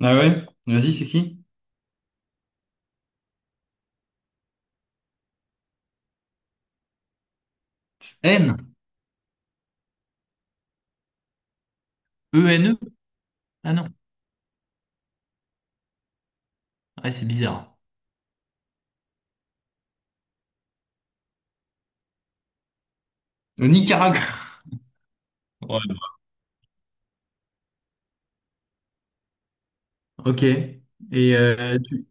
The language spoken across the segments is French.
Ah ouais? Vas-y, c'est qui? N? ENE? Ah non. Ah, c'est bizarre. Au Nicaragua. Ouais. Ok.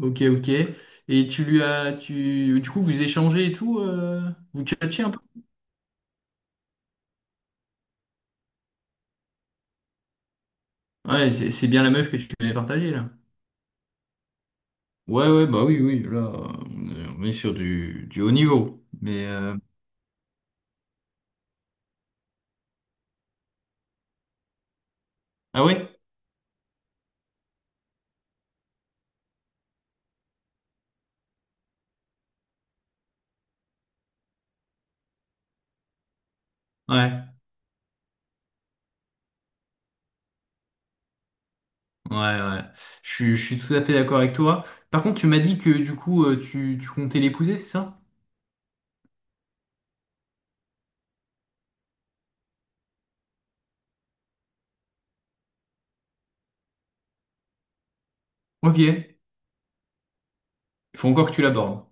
Ok, ok. Et tu lui as... Tu... Du coup, vous échangez et tout, vous tchatchez un peu? Ouais, c'est bien la meuf que tu m'avais partagée, là. Ouais, ouais, bah oui, oui, là, on est sur du haut niveau. Ah ouais? Ouais, ouais, ouais. Je suis tout à fait d'accord avec toi. Par contre, tu m'as dit que du coup, tu comptais l'épouser, c'est ça? Ok. Il faut encore que tu l'abordes.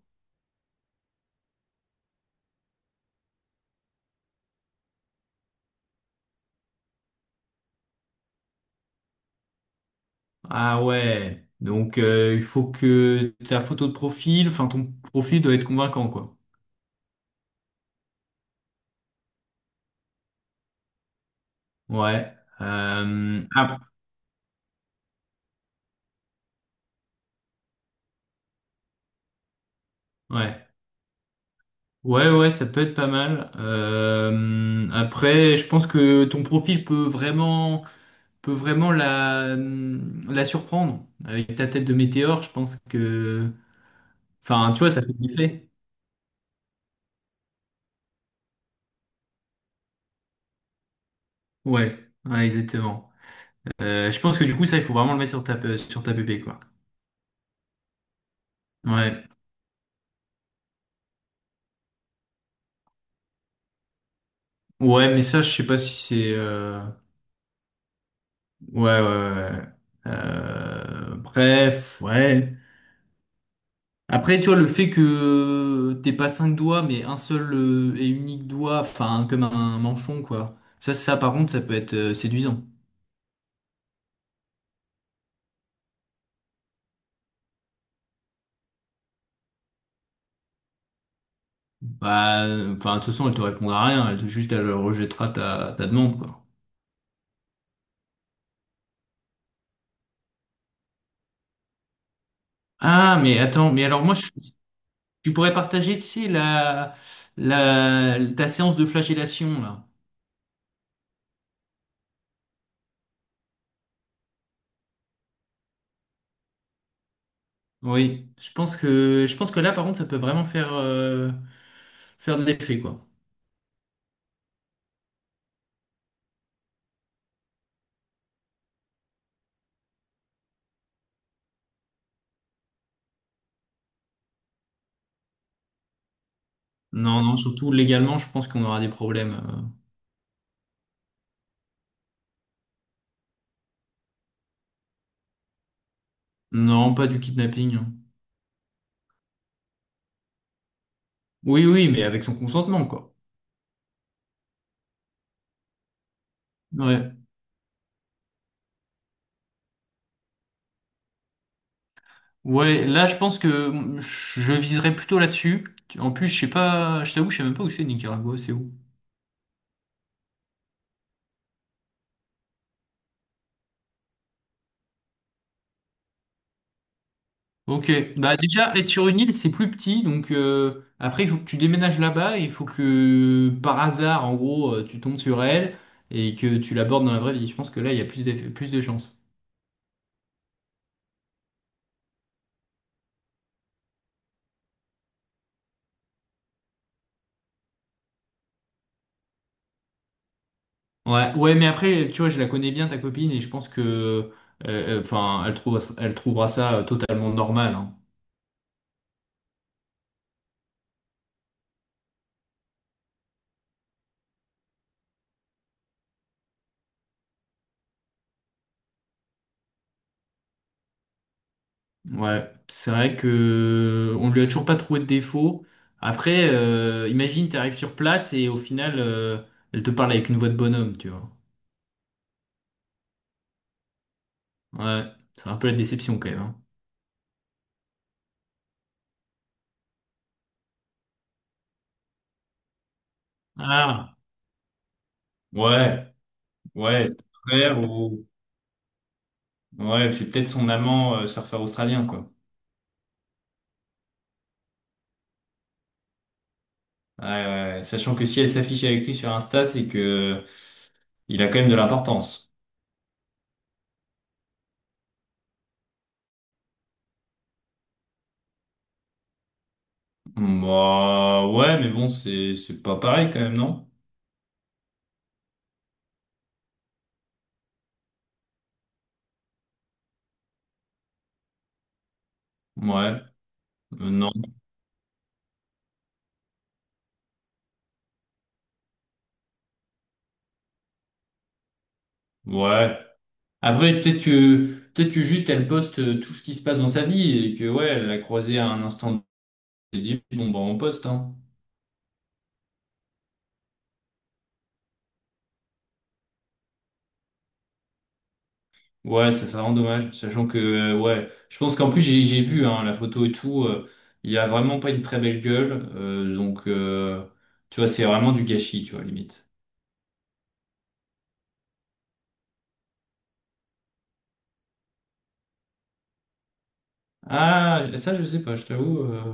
Ah ouais. Donc, il faut que ta photo de profil, enfin, ton profil doit être convaincant, quoi. Ouais. Ah, ouais. Ouais, ouais, ça peut être pas mal. Après, je pense que ton profil peut vraiment, peut vraiment la surprendre. Avec ta tête de météore, je pense que, enfin, tu vois, ça fait kiffer. Ouais, ouais, exactement. Je pense que du coup, ça, il faut vraiment le mettre sur ta, pépé, quoi. Ouais. Ouais, mais ça, je sais pas si c'est, ouais, ouais, ouais, ouais. Bref, ouais. Après, tu vois, le fait que t'aies pas cinq doigts, mais un seul, et unique doigt, enfin, comme un manchon, quoi. Ça, par contre, ça peut être, séduisant. Bah, enfin, de toute façon, elle te répondra à rien. Juste, elle rejettera ta, demande, quoi. Ah, mais attends, mais alors moi, tu pourrais partager, tu sais, ta séance de flagellation, là. Oui, je pense que là, par contre, ça peut vraiment faire de l'effet, quoi. Non, non, surtout légalement, je pense qu'on aura des problèmes. Non, pas du kidnapping, hein. Oui, oui, mais avec son consentement, quoi. Ouais. Ouais, là, je pense que je viserais plutôt là-dessus. En plus, je sais pas, je t'avoue, je sais même pas où c'est Nicaragua, c'est où? Ok, bah déjà être sur une île c'est plus petit donc, après il faut que tu déménages là-bas et il faut que par hasard en gros, tu tombes sur elle et que tu l'abordes dans la vraie vie. Je pense que là il y a plus de, chances. Ouais, ouais mais après tu vois je la connais bien ta copine et je pense que, enfin elle trouvera ça, totalement normal, hein. Ouais, c'est vrai que on lui a toujours pas trouvé de défaut. Après, imagine t'arrives sur place et au final, elle te parle avec une voix de bonhomme tu vois. Ouais, c'est un peu la déception quand même, hein. Ah, ouais, ouais, c'est son frère ou ouais, c'est peut-être son amant, surfeur australien quoi. Ouais, ouais, ouais. Sachant que si elle s'affiche avec lui sur Insta, c'est que il a quand même de l'importance. Bah ouais, mais bon, c'est pas pareil quand même, non? Ouais, non, ouais. Après, peut-être que juste elle poste, tout ce qui se passe dans sa vie et que ouais, elle l'a croisé à un instant. Elle s'est dit bon bah on poste hein. Ouais, ça c'est vraiment dommage, sachant que, ouais, je pense qu'en plus j'ai vu hein, la photo et tout, il a vraiment pas une très belle gueule, donc, tu vois c'est vraiment du gâchis, tu vois limite. Ah ça je sais pas, je t'avoue,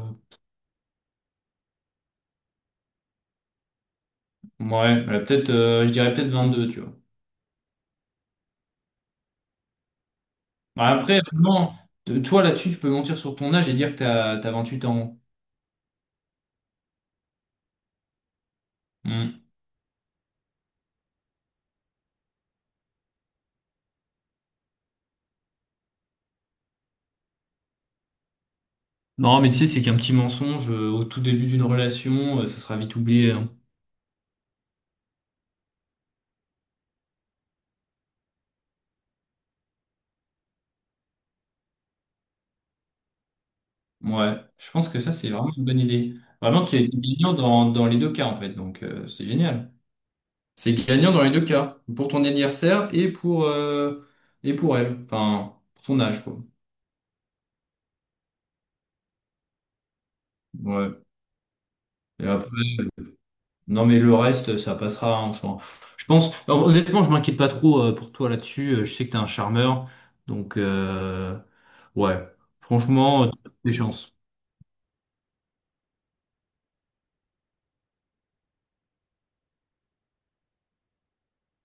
ouais, elle a peut-être, je dirais peut-être 22, tu vois. Bah, après vraiment, toi là-dessus tu peux mentir sur ton âge et dire que t'as 28 ans. Hmm. Non mais tu sais c'est qu'un petit mensonge, au tout début d'une relation, ça sera vite oublié, hein. Ouais, je pense que ça, c'est vraiment une bonne idée. Vraiment, tu es gagnant dans les deux cas, en fait. Donc, c'est génial. C'est gagnant dans les deux cas. Pour ton anniversaire et pour elle. Enfin, pour son âge, quoi. Ouais. Et après, non, mais le reste, ça passera, hein, je pense, alors, honnêtement, je m'inquiète pas trop, pour toi là-dessus. Je sais que t'es un charmeur. Donc, ouais. Franchement, des chances.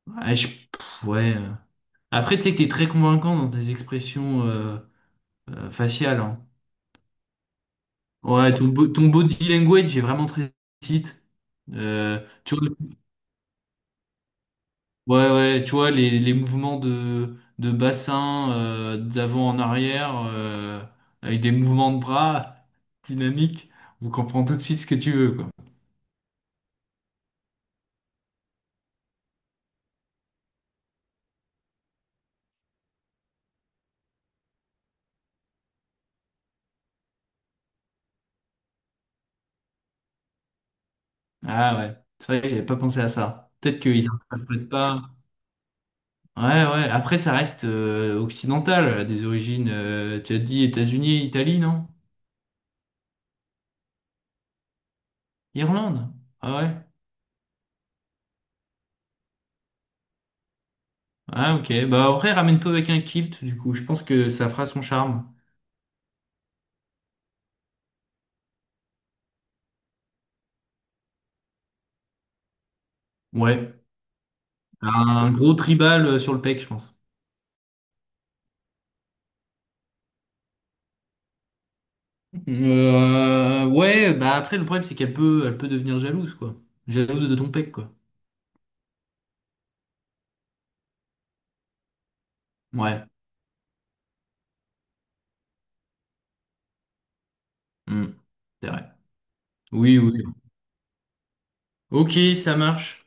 Ouais, ouais. Après, tu sais que t'es très convaincant dans tes expressions, faciales, hein. Ouais, ton body language est vraiment très site. Euh, tu vois, ouais, ouais, tu vois les, mouvements de bassin, d'avant en arrière, avec des mouvements de bras dynamiques, on comprend tout de suite ce que tu veux, quoi. Ah ouais, c'est vrai que j'avais pas pensé à ça. Peut-être qu'ils interprètent pas. Ouais, ouais. Après, ça reste, occidental, là, des origines. Tu as dit États-Unis, Italie, non? Irlande. Ah ouais. Ah ok, bah en vrai ramène-toi avec un kilt du coup, je pense que ça fera son charme. Ouais, un gros tribal, sur le pec, je pense. Ouais, bah après le problème c'est qu'elle peut, devenir jalouse quoi, jalouse de ton pec quoi. Ouais. Hmm. C'est vrai. Oui oui. Ok, ça marche.